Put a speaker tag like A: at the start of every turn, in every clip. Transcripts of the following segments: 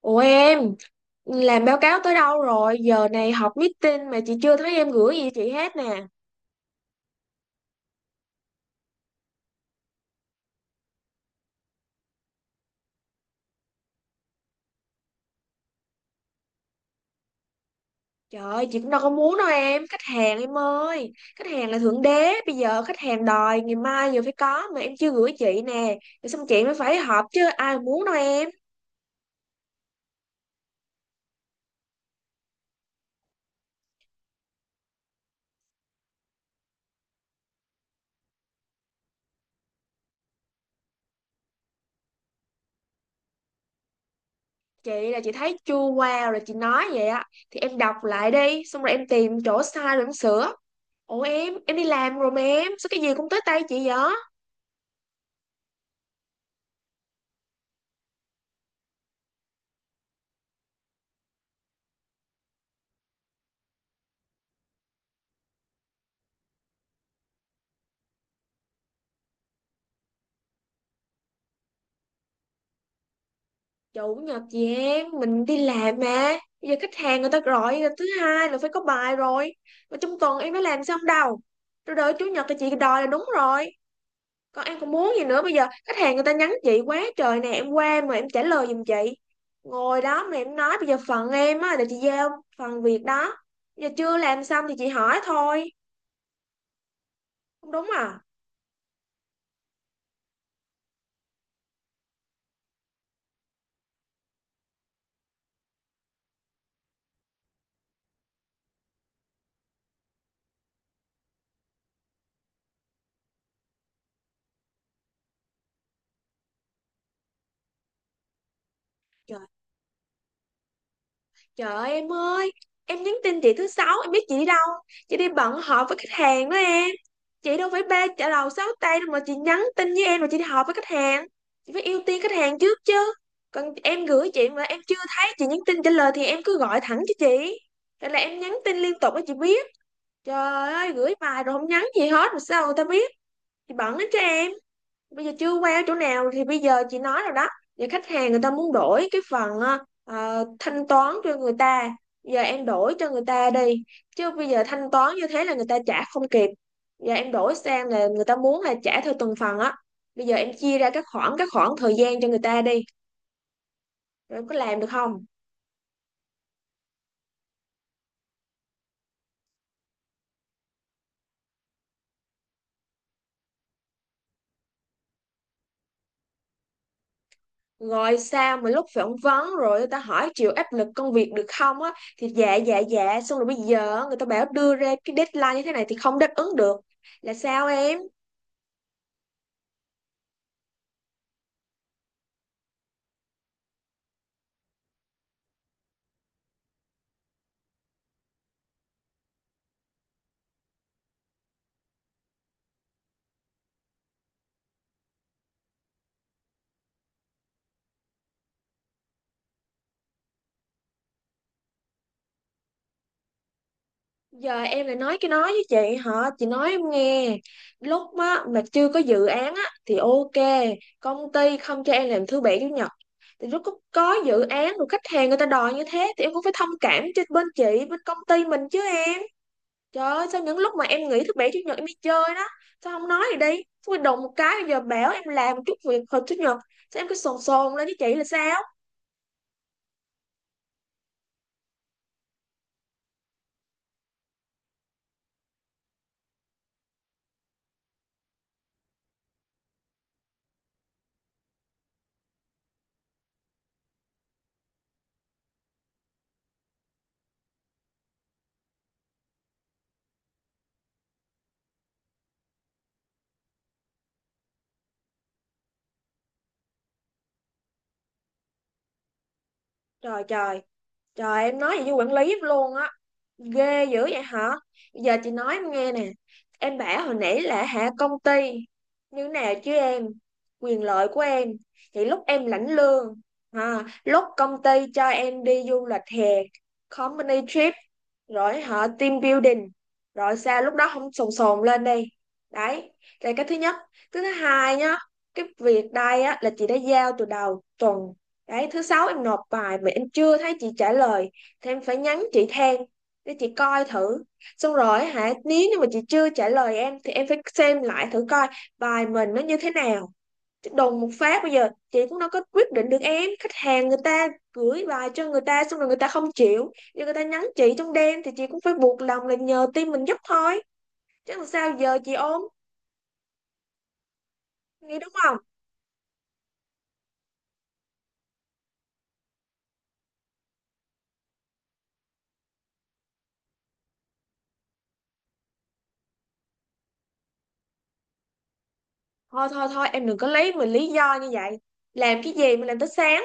A: Ủa em, làm báo cáo tới đâu rồi? Giờ này họp meeting mà chị chưa thấy em gửi gì chị hết nè. Trời ơi, chị cũng đâu có muốn đâu em, khách hàng em ơi. Khách hàng là thượng đế, bây giờ khách hàng đòi ngày mai giờ phải có mà em chưa gửi chị nè. Rồi xong chị mới phải họp chứ ai muốn đâu em. Chị là chị thấy chua qua rồi chị nói vậy á. Thì em đọc lại đi, xong rồi em tìm chỗ sai rồi em sửa. Ủa em đi làm rồi mà em, sao cái gì cũng tới tay chị vậy? Chủ nhật chị em mình đi làm mà bây giờ khách hàng người ta gọi là thứ hai là phải có bài rồi, mà trong tuần em phải làm sao không đâu, rồi đợi chủ nhật thì chị đòi là đúng rồi. Còn em còn muốn gì nữa, bây giờ khách hàng người ta nhắn chị quá trời nè, em qua mà em trả lời giùm chị. Ngồi đó mà em nói bây giờ phần em á là chị giao phần việc đó. Bây giờ chưa làm xong thì chị hỏi thôi, không đúng à? Trời ơi, em nhắn tin chị thứ sáu, em biết chị đi đâu? Chị đi bận họp với khách hàng đó em. Chị đâu phải ba chợ đầu sáu tay đâu mà chị nhắn tin với em, mà chị đi họp với khách hàng. Chị phải ưu tiên khách hàng trước chứ. Còn em gửi chị mà em chưa thấy chị nhắn tin trả lời thì em cứ gọi thẳng cho chị. Rồi là em nhắn tin liên tục cho chị biết. Trời ơi, gửi bài rồi không nhắn gì hết mà sao người ta biết? Chị bận lắm cho em. Bây giờ chưa qua ở chỗ nào thì bây giờ chị nói rồi đó. Thì khách hàng người ta muốn đổi cái phần thanh toán cho người ta. Giờ em đổi cho người ta đi, chứ bây giờ thanh toán như thế là người ta trả không kịp. Giờ em đổi sang là người ta muốn là trả theo từng phần á. Bây giờ em chia ra các khoảng thời gian cho người ta đi, rồi có làm được không? Rồi sao mà lúc phỏng vấn rồi người ta hỏi chịu áp lực công việc được không á, thì dạ dạ dạ, xong rồi bây giờ người ta bảo đưa ra cái deadline như thế này thì không đáp ứng được, là sao em? Giờ em lại nói cái nói với chị hả? Chị nói em nghe, lúc mà chưa có dự án á thì ok, công ty không cho em làm thứ bảy chủ nhật. Thì lúc có dự án rồi, khách hàng người ta đòi như thế thì em cũng phải thông cảm cho bên chị, bên công ty mình chứ em. Trời ơi, sao những lúc mà em nghỉ thứ bảy chủ nhật em đi chơi đó, sao không nói gì đi? Tôi đụng một cái bây giờ bảo em làm chút việc hồi chủ nhật, sao em cứ sồn sồn lên với chị là sao? Trời trời Trời em nói vậy với quản lý luôn á? Ghê dữ vậy hả? Giờ chị nói em nghe nè, em bảo hồi nãy là hạ công ty như nào chứ em? Quyền lợi của em, thì lúc em lãnh lương, à, lúc công ty cho em đi du lịch hè, company trip, rồi họ team building, rồi sao lúc đó không sồn sồn lên đi? Đấy là cái thứ nhất. Thứ thứ hai nhá, cái việc đây á là chị đã giao từ đầu tuần đấy. Thứ sáu em nộp bài mà em chưa thấy chị trả lời thì em phải nhắn chị than, để chị coi thử. Xong rồi hả, nếu như mà chị chưa trả lời em thì em phải xem lại thử coi bài mình nó như thế nào. Đùng một phát bây giờ chị cũng đâu có quyết định được em, khách hàng người ta gửi bài cho người ta xong rồi người ta không chịu, giờ người ta nhắn chị trong đêm thì chị cũng phải buộc lòng là nhờ team mình giúp thôi, chứ làm sao giờ chị ôm nghĩ đúng không? Thôi thôi thôi, em đừng có lấy mình lý do như vậy, làm cái gì mà làm tới sáng?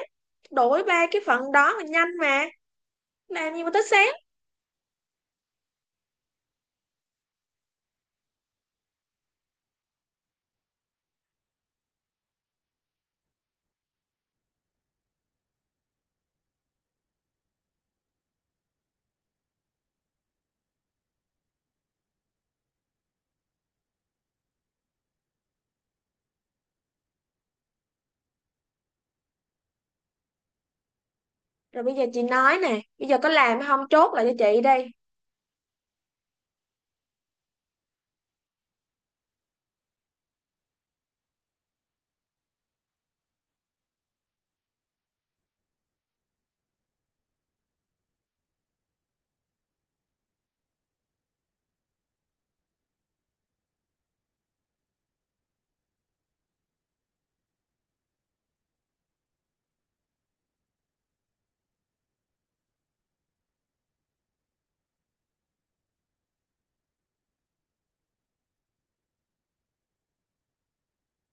A: Đổi ba cái phận đó mà nhanh mà, làm gì mà tới sáng? Rồi bây giờ chị nói nè, bây giờ có làm hay không chốt lại cho chị đi.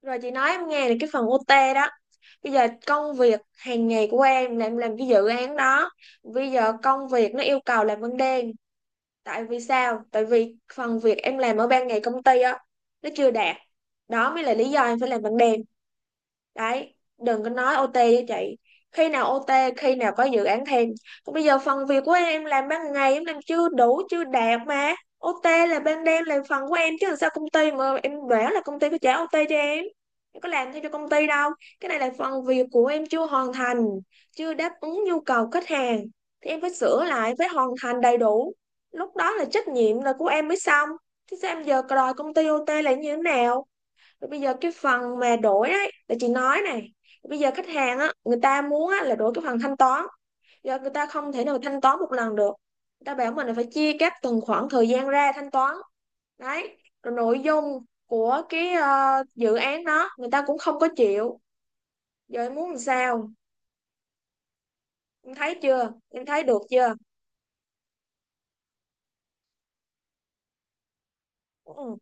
A: Rồi chị nói em nghe là cái phần OT đó. Bây giờ công việc hàng ngày của em là em làm cái dự án đó. Bây giờ công việc nó yêu cầu làm ban đêm. Tại vì sao? Tại vì phần việc em làm ở ban ngày công ty á, nó chưa đạt. Đó mới là lý do em phải làm ban đêm đấy, đừng có nói OT với chị. Khi nào OT, khi nào có dự án thêm, còn bây giờ phần việc của em làm ban ngày em làm chưa đủ chưa đạt mà. OT là ban đêm là phần của em, chứ làm sao công ty mà em bảo là công ty có trả OT cho em? Em có làm theo cho công ty đâu, cái này là phần việc của em chưa hoàn thành, chưa đáp ứng nhu cầu khách hàng, thì em phải sửa lại, phải hoàn thành đầy đủ, lúc đó là trách nhiệm là của em mới xong. Thế sao em giờ đòi công ty OT là như thế nào? Rồi bây giờ cái phần mà đổi ấy là chị nói này, bây giờ khách hàng á người ta muốn á, là đổi cái phần thanh toán. Giờ người ta không thể nào thanh toán một lần được, người ta bảo mình là phải chia các từng khoảng thời gian ra thanh toán đấy. Rồi nội dung của cái dự án đó người ta cũng không có chịu. Giờ em muốn làm sao, em thấy chưa, em thấy được chưa? Ừ,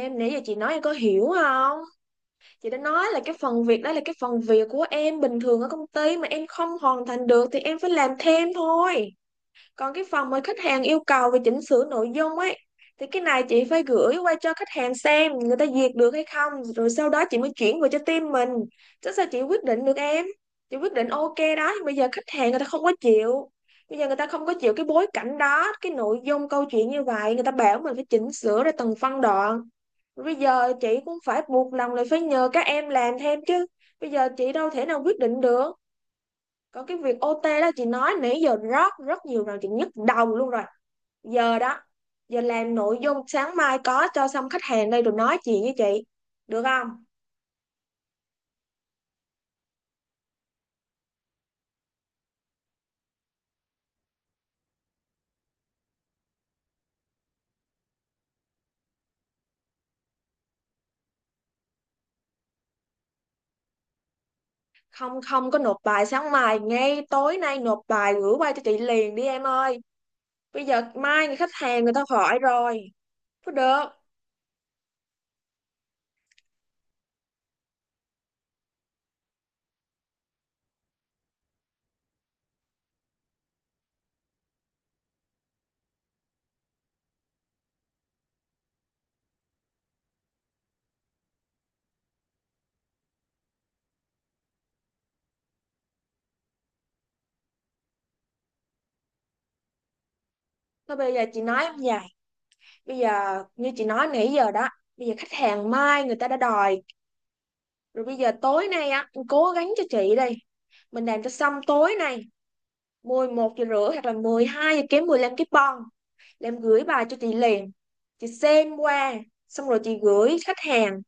A: em nãy giờ chị nói em có hiểu không? Chị đã nói là cái phần việc đó là cái phần việc của em bình thường ở công ty mà em không hoàn thành được thì em phải làm thêm thôi. Còn cái phần mà khách hàng yêu cầu về chỉnh sửa nội dung ấy, thì cái này chị phải gửi qua cho khách hàng xem người ta duyệt được hay không, rồi sau đó chị mới chuyển về cho team mình, chứ sao chị quyết định được em? Chị quyết định ok đó nhưng bây giờ khách hàng người ta không có chịu. Bây giờ người ta không có chịu cái bối cảnh đó, cái nội dung câu chuyện như vậy, người ta bảo mình phải chỉnh sửa ra từng phân đoạn. Rồi bây giờ chị cũng phải buộc lòng là phải nhờ các em làm thêm chứ, bây giờ chị đâu thể nào quyết định được. Còn cái việc OT đó chị nói nãy giờ rất rất nhiều rồi, chị nhức đầu luôn rồi. Giờ đó, giờ làm nội dung sáng mai có cho xong khách hàng đây rồi nói chuyện với chị, được không? Không, không có nộp bài sáng mai, ngay tối nay nộp bài gửi qua cho chị liền đi em ơi. Bây giờ mai người khách hàng người ta hỏi rồi, có được? Thôi bây giờ chị nói như vậy, bây giờ như chị nói nãy giờ đó, bây giờ khách hàng mai người ta đã đòi rồi. Bây giờ tối nay á cố gắng cho chị đi, mình làm cho xong tối nay, 11:30 hoặc là 11:45 cái bon là em gửi bài cho chị liền, chị xem qua xong rồi chị gửi khách hàng.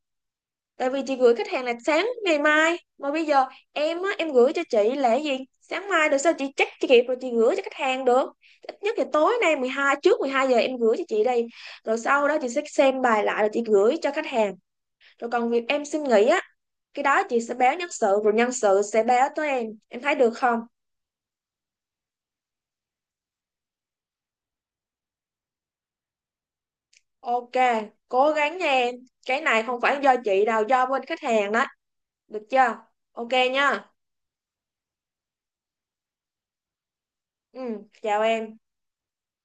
A: Tại vì chị gửi khách hàng là sáng ngày mai, mà bây giờ em á, em gửi cho chị là gì, sáng mai rồi sao chị check chị kịp rồi chị gửi cho khách hàng được? Ít nhất là tối nay mười hai, trước 12:00 em gửi cho chị đây, rồi sau đó chị sẽ xem bài lại rồi chị gửi cho khách hàng. Rồi còn việc em xin nghỉ á, cái đó chị sẽ báo nhân sự rồi nhân sự sẽ báo tới em thấy được không? Ok, cố gắng nha em. Cái này không phải do chị đâu, do bên khách hàng đó. Được chưa? Ok nha. Ừ, chào em.